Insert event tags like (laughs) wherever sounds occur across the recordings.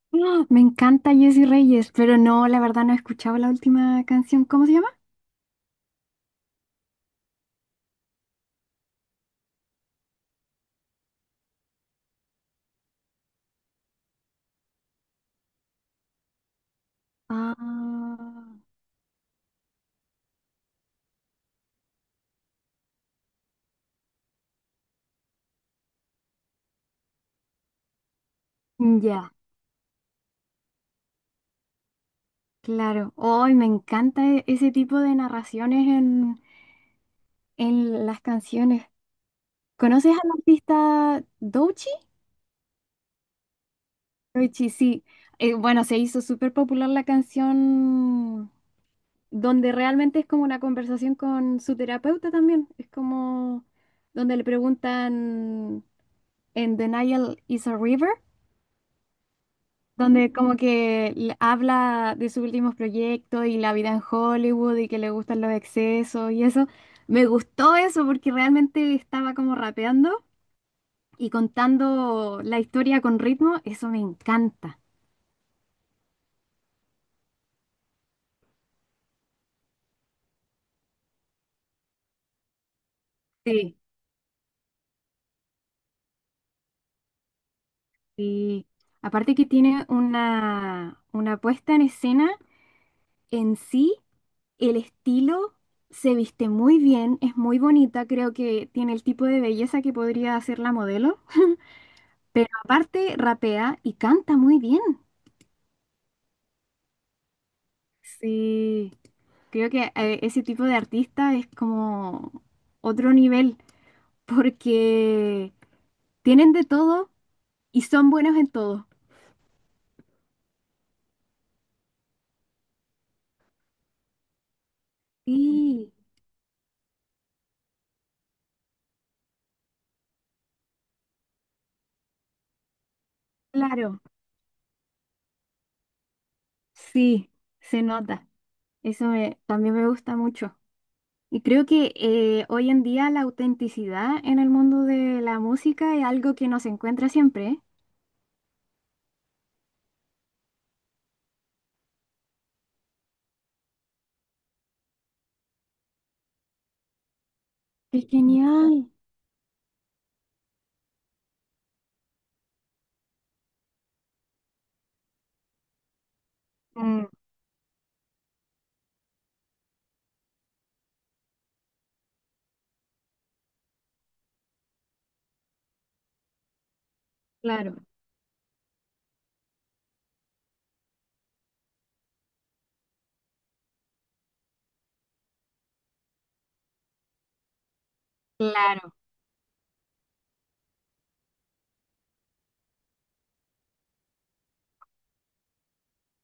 (gasps) ¡Ah! Me encanta Jessy Reyes, pero no, la verdad no he escuchado la última canción. ¿Cómo se llama? Ah, ya, claro. Hoy me encanta ese tipo de narraciones en las canciones. ¿Conoces al artista Doechii? Doechii, sí. Bueno, se hizo súper popular la canción donde realmente es como una conversación con su terapeuta también. Es como donde le preguntan en Denial is a River. Donde como que habla de sus últimos proyectos y la vida en Hollywood y que le gustan los excesos y eso. Me gustó eso porque realmente estaba como rapeando y contando la historia con ritmo, eso me encanta. Sí. Y aparte que tiene una puesta en escena en sí, el estilo, se viste muy bien, es muy bonita, creo que tiene el tipo de belleza que podría hacer la modelo. Pero aparte rapea y canta muy bien. Sí, creo que ese tipo de artista es como otro nivel, porque tienen de todo y son buenos en todo. Sí, claro, sí, se nota. También me gusta mucho. Y creo que hoy en día la autenticidad en el mundo de la música es algo que nos encuentra siempre, ¿eh? ¡Qué genial! Mm, claro, claro,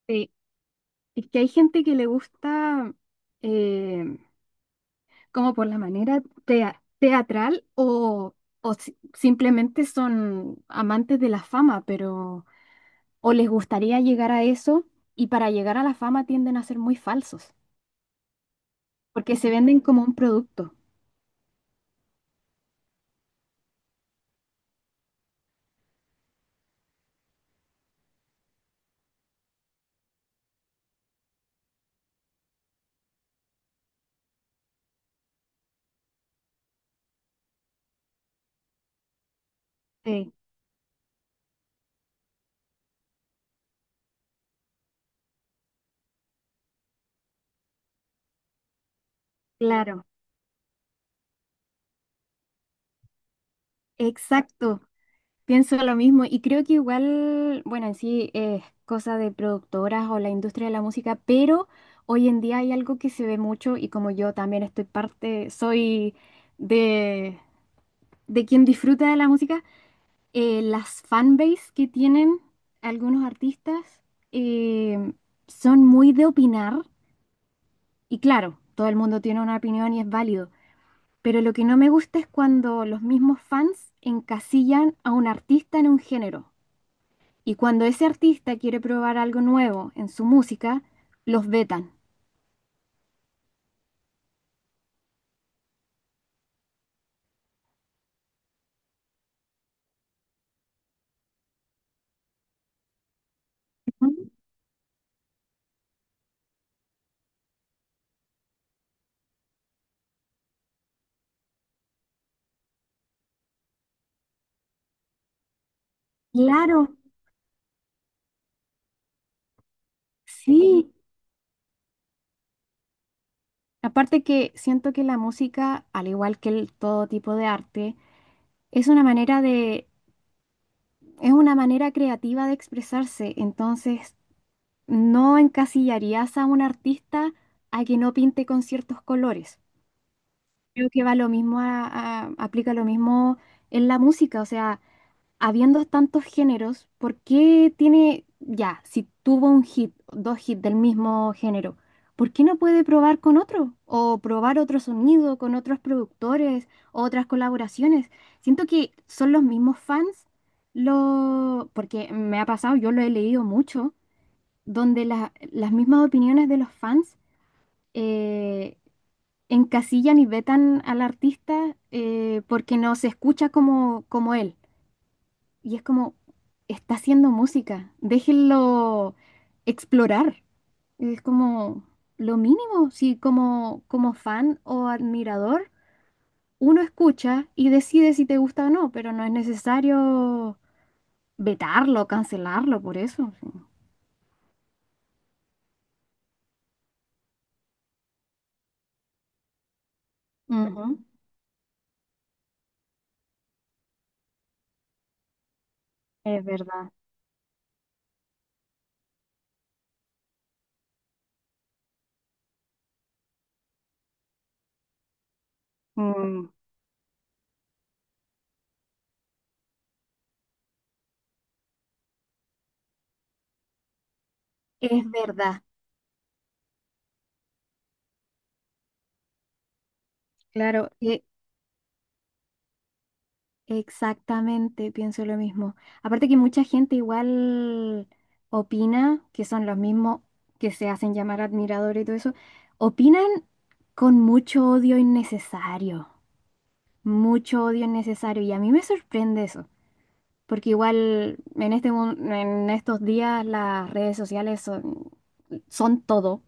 sí. Es que hay gente que le gusta eh, como por la manera teatral o simplemente son amantes de la fama, pero o les gustaría llegar a eso y para llegar a la fama tienden a ser muy falsos, porque se venden como un producto. Sí, claro, exacto. Pienso lo mismo y creo que igual, bueno, en sí es cosa de productoras o la industria de la música, pero hoy en día hay algo que se ve mucho y como yo también estoy parte, soy de, de quien disfruta de la música, las fanbase que tienen algunos artistas, eh, son muy de opinar y claro, todo el mundo tiene una opinión y es válido, pero lo que no me gusta es cuando los mismos fans encasillan a un artista en un género. Y cuando ese artista quiere probar algo nuevo en su música, los vetan. Ujú. Claro, sí. Aparte que siento que la música, al igual que todo tipo de arte, es una es una manera creativa de expresarse. Entonces, no encasillarías a un artista a que no pinte con ciertos colores. Creo que va lo mismo aplica lo mismo en la música. O sea, habiendo tantos géneros, ¿por qué tiene, ya, si tuvo un hit, dos hits del mismo género, ¿por qué no puede probar con otro? O probar otro sonido con otros productores, otras colaboraciones. Siento que son los mismos fans, lo, porque me ha pasado, yo lo he leído mucho, donde las mismas opiniones de los fans, eh, encasillan y vetan al artista, porque no se escucha como él. Y es como, está haciendo música, déjenlo explorar. Es como lo mínimo, si como fan o admirador uno escucha y decide si te gusta o no, pero no es necesario vetarlo, cancelarlo por eso. Sí. Ujú, es verdad. Mm, es verdad. Claro, exactamente, pienso lo mismo. Aparte que mucha gente igual opina, que son los mismos que se hacen llamar admiradores y todo eso, opinan con mucho odio innecesario, mucho odio innecesario. Y a mí me sorprende eso, porque igual en en estos días las redes sociales son todo.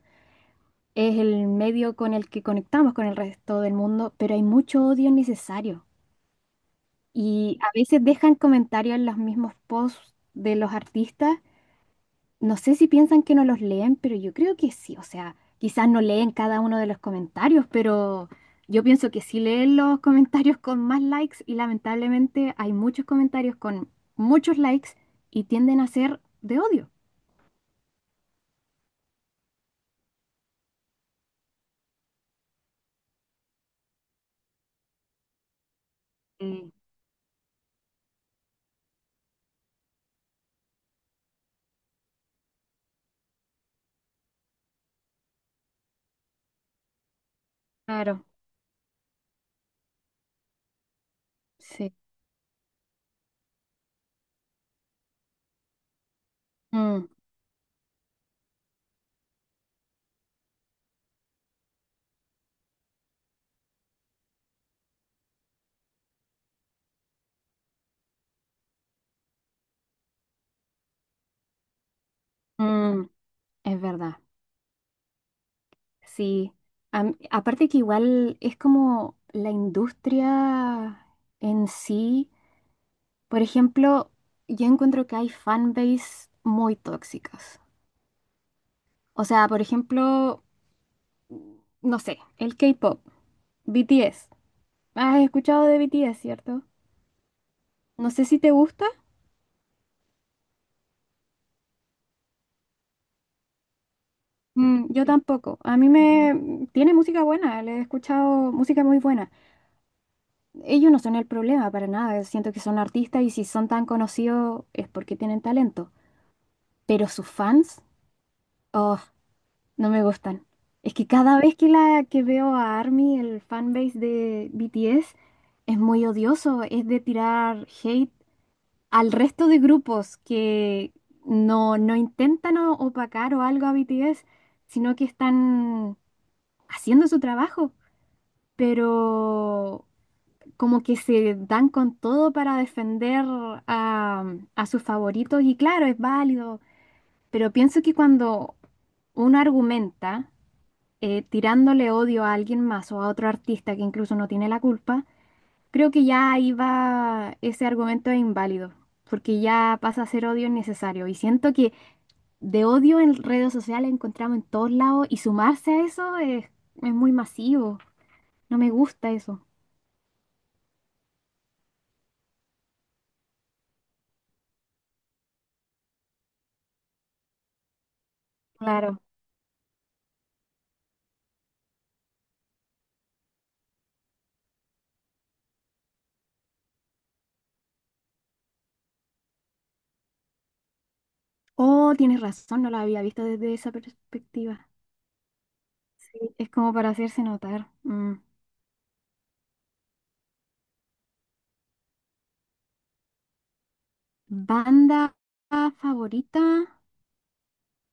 Es el medio con el que conectamos con el resto del mundo, pero hay mucho odio innecesario. Y a veces dejan comentarios en los mismos posts de los artistas. No sé si piensan que no los leen, pero yo creo que sí. O sea, quizás no leen cada uno de los comentarios, pero yo pienso que sí leen los comentarios con más likes y lamentablemente hay muchos comentarios con muchos likes y tienden a ser de odio. Mm. Claro, sí. Mm, mm, es verdad, sí. Aparte que igual es como la industria en sí. Por ejemplo, yo encuentro que hay fanbase muy tóxicas. O sea, por ejemplo, no sé, el K-pop, BTS. ¿Has escuchado de BTS, cierto? No sé si te gusta. Mm, yo tampoco. A mí me... Tiene música buena, le he escuchado música muy buena. Ellos no son el problema para nada. Siento que son artistas y si son tan conocidos es porque tienen talento. Pero sus fans, oh, no me gustan. Es que cada vez que la que veo a ARMY, el fanbase de BTS, es muy odioso, es de tirar hate al resto de grupos que no, no intentan opacar o algo a BTS, sino que están haciendo su trabajo, pero como que se dan con todo para defender a, a sus favoritos y claro, es válido, pero pienso que cuando uno argumenta, tirándole odio a alguien más o a otro artista que incluso no tiene la culpa, creo que ya ahí va ese argumento es inválido, porque ya pasa a ser odio innecesario. Y siento que de odio en redes sociales encontramos en todos lados y sumarse a eso es muy masivo. No me gusta eso. Claro. Oh, tienes razón, no la había visto desde esa perspectiva. Sí. Es como para hacerse notar. Mm. Banda favorita.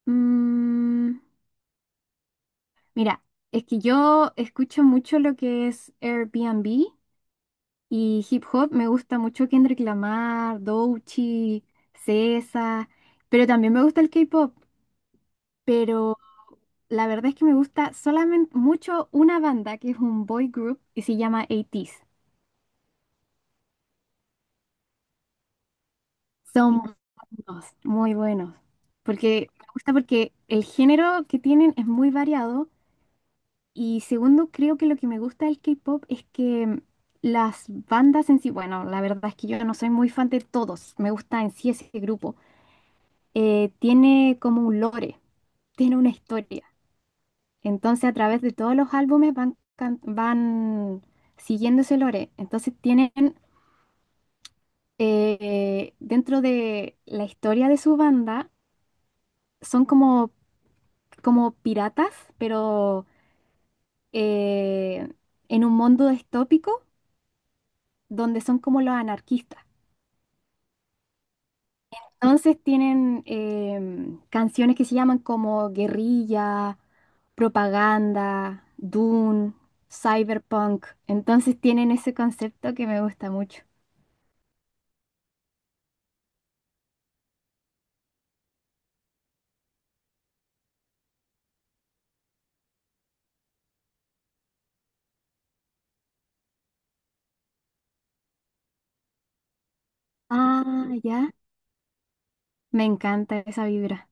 Mm. Mira, es que yo escucho mucho lo que es Airbnb y hip hop. Me gusta mucho Kendrick Lamar, Doechii, SZA, pero también me gusta el K-pop. Pero la verdad es que me gusta solamente mucho una banda que es un boy group y se llama 80. Son buenos, muy buenos. Porque me gusta porque el género que tienen es muy variado. Y segundo, creo que lo que me gusta del K-pop es que mm, las bandas en sí, bueno, la verdad es que yo no soy muy fan de todos, me gusta en sí ese grupo, tiene como un lore, (laughs) tiene una historia. Entonces a través de todos los álbumes van, van siguiendo ese lore. Entonces tienen, dentro de la historia de su banda, son como, como piratas, pero eh, en un mundo distópico donde son como los anarquistas. Entonces tienen canciones que se llaman como Guerrilla, Propaganda, Dune, Cyberpunk. Entonces tienen ese concepto que me gusta mucho. Ah, ya. Me encanta esa vibra.